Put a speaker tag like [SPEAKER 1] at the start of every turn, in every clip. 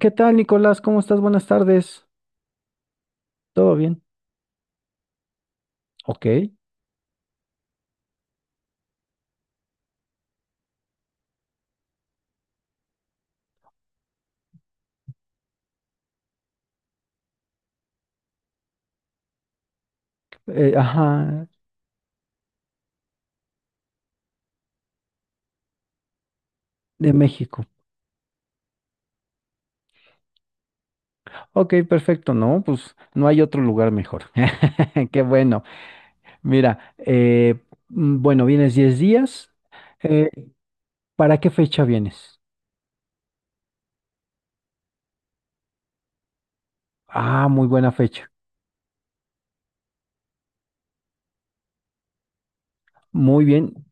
[SPEAKER 1] ¿Qué tal, Nicolás? ¿Cómo estás? Buenas tardes. ¿Todo bien? Ok. Ajá, de México. Ok, perfecto. No, pues no hay otro lugar mejor. Qué bueno. Mira, bueno, vienes 10 días. Eh, ¿Para qué fecha vienes? Ah, muy buena fecha. Muy bien.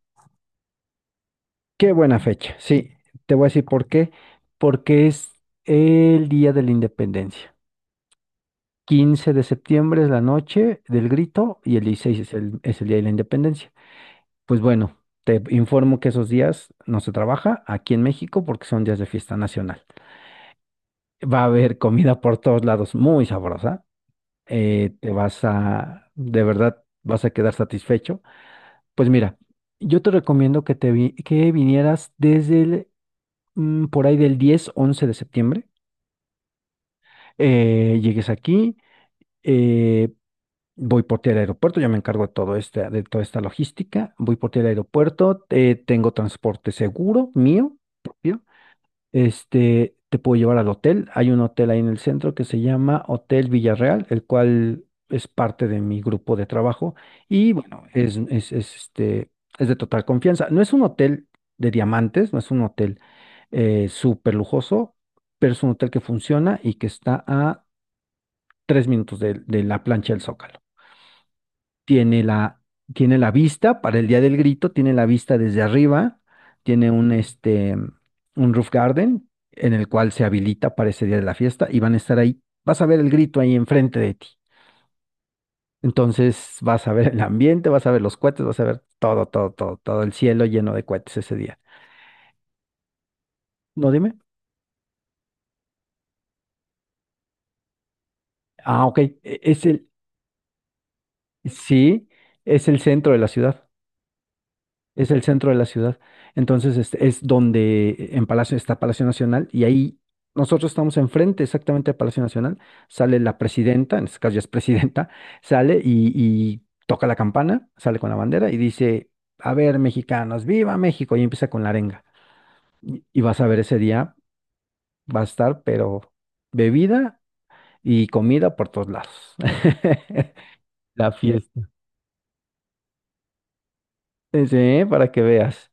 [SPEAKER 1] Qué buena fecha. Sí, te voy a decir por qué. Porque es el Día de la Independencia. 15 de septiembre es la noche del grito y el 16 es el Día de la Independencia. Pues bueno, te informo que esos días no se trabaja aquí en México porque son días de fiesta nacional. Va a haber comida por todos lados, muy sabrosa. Te vas a, de verdad, vas a quedar satisfecho. Pues mira, yo te recomiendo que que vinieras desde por ahí del 10, 11 de septiembre. Llegues aquí, eh, voy por ti al aeropuerto, yo me encargo de todo este, de toda esta logística. Voy por ti al aeropuerto, tengo transporte seguro mío propio. Este, te puedo llevar al hotel. Hay un hotel ahí en el centro que se llama Hotel Villarreal, el cual es parte de mi grupo de trabajo y bueno, este, es de total confianza. No es un hotel de diamantes, no es un hotel súper lujoso, pero es un hotel que funciona y que está a tres minutos de la plancha del Zócalo. Tiene tiene la vista para el día del grito, tiene la vista desde arriba, tiene un, este, un roof garden en el cual se habilita para ese día de la fiesta y van a estar ahí. Vas a ver el grito ahí enfrente de ti. Entonces vas a ver el ambiente, vas a ver los cohetes, vas a ver todo, todo, todo, todo el cielo lleno de cohetes ese día. No, dime. Ah, ok. Es sí, es el centro de la ciudad. Es el centro de la ciudad. Entonces, este, es donde en Palacio está Palacio Nacional y ahí nosotros estamos enfrente exactamente de Palacio Nacional. Sale la presidenta, en este caso ya es presidenta, sale y toca la campana, sale con la bandera y dice, a ver, mexicanos, viva México. Y empieza con la arenga. Y vas a ver ese día, va a estar, pero bebida y comida por todos lados. La fiesta. Sí, para que veas.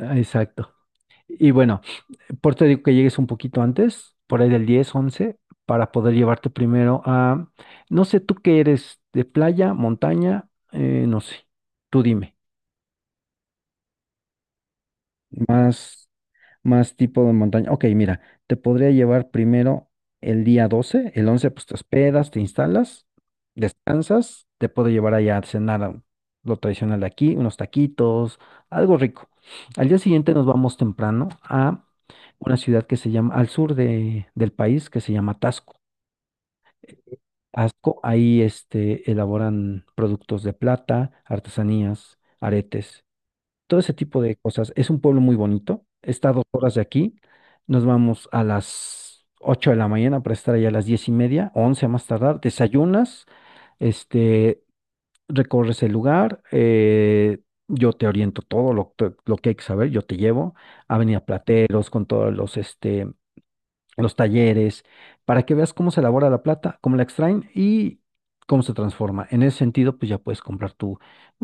[SPEAKER 1] Ah, exacto. Y bueno. Por eso te digo que llegues un poquito antes, por ahí del 10, 11, para poder llevarte primero a, no sé, tú qué eres, de playa, montaña. No sé, tú dime, más. Más tipo de montaña. Ok, mira, te podría llevar primero el día doce. El 11 pues te hospedas, te instalas, descansas. Te puedo llevar allá a cenar a lo tradicional de aquí, unos taquitos, algo rico. Al día siguiente nos vamos temprano a una ciudad que se llama, al sur de, del país, que se llama Tasco. Tasco, ahí este, elaboran productos de plata, artesanías, aretes, todo ese tipo de cosas. Es un pueblo muy bonito, está a dos horas de aquí. Nos vamos a las 8 de la mañana para estar allá a las diez y media, 11 a más tardar. Desayunas, este, recorres el lugar, yo te oriento todo lo que hay que saber, yo te llevo a Avenida Plateros con todos los, este, los talleres, para que veas cómo se elabora la plata, cómo la extraen y cómo se transforma. En ese sentido, pues ya puedes comprar tú,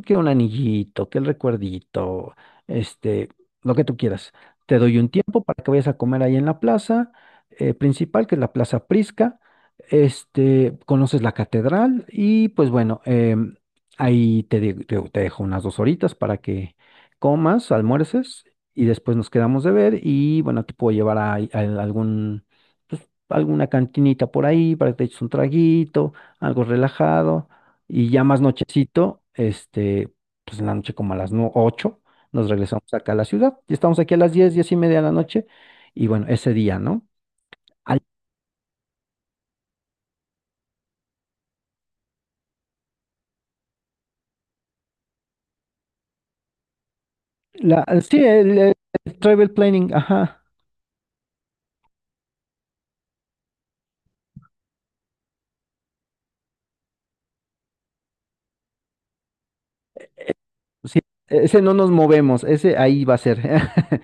[SPEAKER 1] que un anillito, que el recuerdito, este, lo que tú quieras. Te doy un tiempo para que vayas a comer ahí en la plaza principal, que es la Plaza Prisca. Este, conoces la catedral y pues bueno, ahí te, te dejo unas dos horitas para que comas, almuerces y después nos quedamos de ver y bueno, te puedo llevar a algún pues, alguna cantinita por ahí para que te eches un traguito, algo relajado, y ya más nochecito, este, pues en la noche como a las 8 nos regresamos acá a la ciudad, y estamos aquí a las diez, 10 y media de la noche, y bueno, ese día, ¿no? Al- sí, el travel planning, ajá, sí, e-, ese no nos movemos, ese ahí va a ser,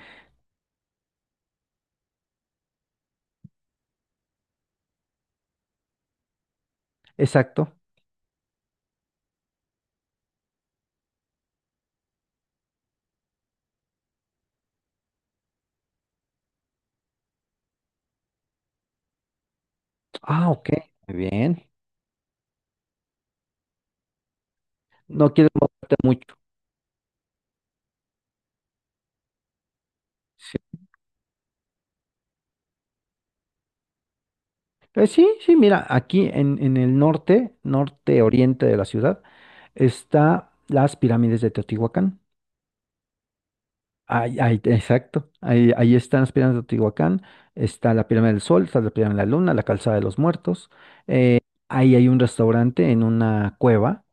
[SPEAKER 1] exacto. Ah, ok, muy bien, no quieres moverte mucho. Sí, sí, mira, aquí en el norte, norte oriente de la ciudad, está las pirámides de Teotihuacán. Ahí, ahí, exacto, ahí, ahí están las pirámides de Teotihuacán, está la pirámide del Sol, está la pirámide de la Luna, la calzada de los muertos. eh, Ahí hay un restaurante en una cueva,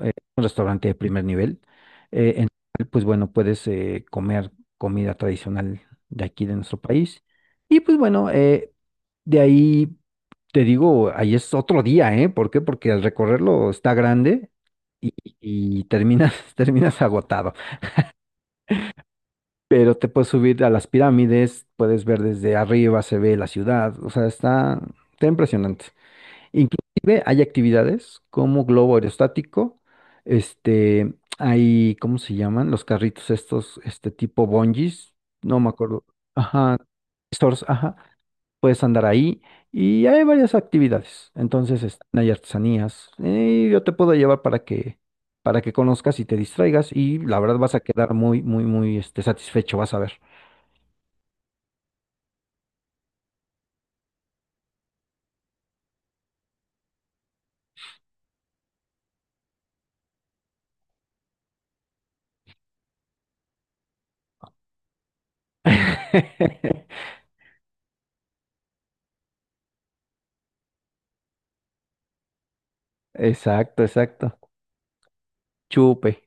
[SPEAKER 1] un restaurante de primer nivel, en el cual, pues bueno, puedes comer comida tradicional de aquí de nuestro país. Y pues bueno, de ahí. Te digo, ahí es otro día, ¿eh? ¿Por qué? Porque al recorrerlo está grande y, y terminas, terminas agotado. Pero te puedes subir a las pirámides, puedes ver desde arriba, se ve la ciudad, o sea, está impresionante. Inclusive hay actividades como globo aerostático, este, hay, ¿cómo se llaman? Los carritos estos, este tipo bungees, no me acuerdo. Ajá, stores, ajá. Puedes andar ahí y hay varias actividades. Entonces, este, hay artesanías. Yo te puedo llevar para que conozcas y te distraigas y la verdad vas a quedar muy, muy, muy este, satisfecho, vas a ver. Exacto, exacto. Chupe.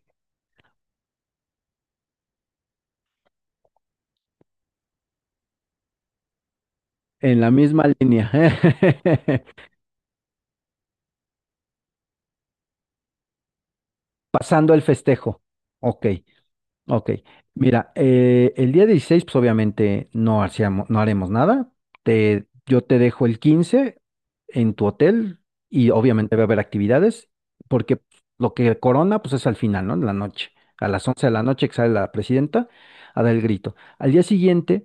[SPEAKER 1] En la misma línea. Pasando el festejo. Ok. Ok, mira, el día 16 pues obviamente no, hacíamos, no haremos nada. Te, yo te dejo el 15 en tu hotel y obviamente va a haber actividades, porque lo que corona, pues es al final, ¿no? En la noche, a las 11 de la noche que sale la presidenta a dar el grito. Al día siguiente,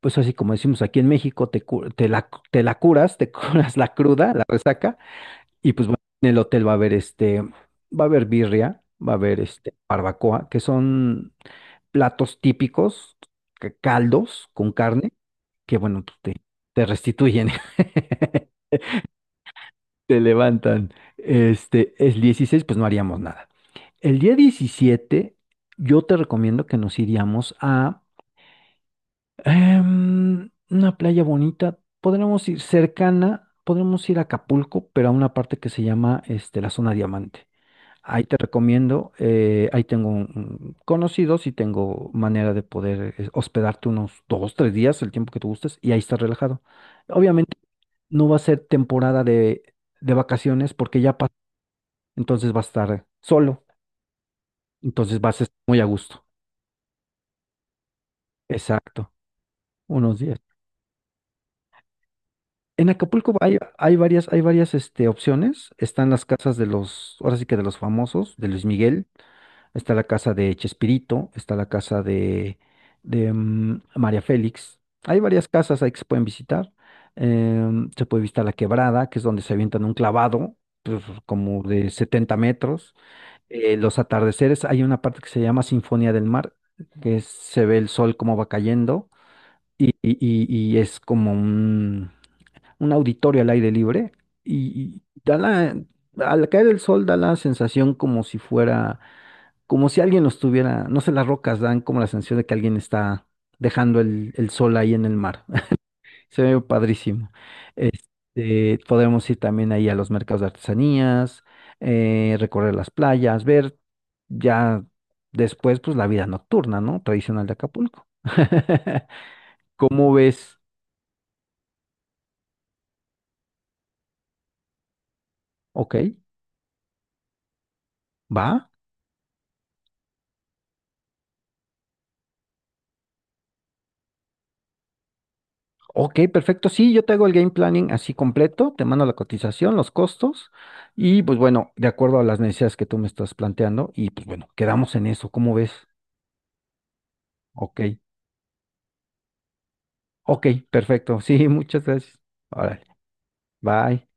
[SPEAKER 1] pues así como decimos aquí en México, te, te la curas, te curas la cruda, la resaca, y pues bueno, en el hotel va a haber este, va a haber birria, va a haber este, barbacoa, que son platos típicos, caldos con carne, que bueno, pues, te restituyen, te levantan. Este, el 16, pues no haríamos nada. El día 17, yo te recomiendo que nos iríamos a una playa bonita. Podremos ir cercana, podremos ir a Acapulco, pero a una parte que se llama este, la zona diamante. Ahí te recomiendo, ahí tengo un conocidos y tengo manera de poder hospedarte unos dos, tres días, el tiempo que tú gustes, y ahí estás relajado. Obviamente no va a ser temporada de vacaciones porque ya pasó, entonces vas a estar solo, entonces vas a estar muy a gusto. Exacto, unos días. En Acapulco hay, hay varias este, opciones. Están las casas de los, ahora sí que de los famosos, de Luis Miguel. Está la casa de Chespirito, está la casa de, María Félix. Hay varias casas ahí que se pueden visitar. Se puede visitar la Quebrada, que es donde se avientan un clavado, pues, como de 70 metros. Los atardeceres, hay una parte que se llama Sinfonía del Mar, que se ve el sol como va cayendo y, y es como un auditorio al aire libre. Y da la, al caer el sol da la sensación como si fuera como si alguien los tuviera, no sé, las rocas dan como la sensación de que alguien está dejando el sol ahí en el mar. Se ve padrísimo. Este, podemos ir también ahí a los mercados de artesanías, recorrer las playas, ver ya después, pues la vida nocturna, ¿no? Tradicional de Acapulco. ¿Cómo ves? Ok, va. Ok, perfecto. Sí, yo te hago el game planning así completo, te mando la cotización, los costos y pues bueno, de acuerdo a las necesidades que tú me estás planteando y pues bueno, quedamos en eso, ¿cómo ves? Ok, ok, perfecto. Sí, muchas gracias. Órale, bye.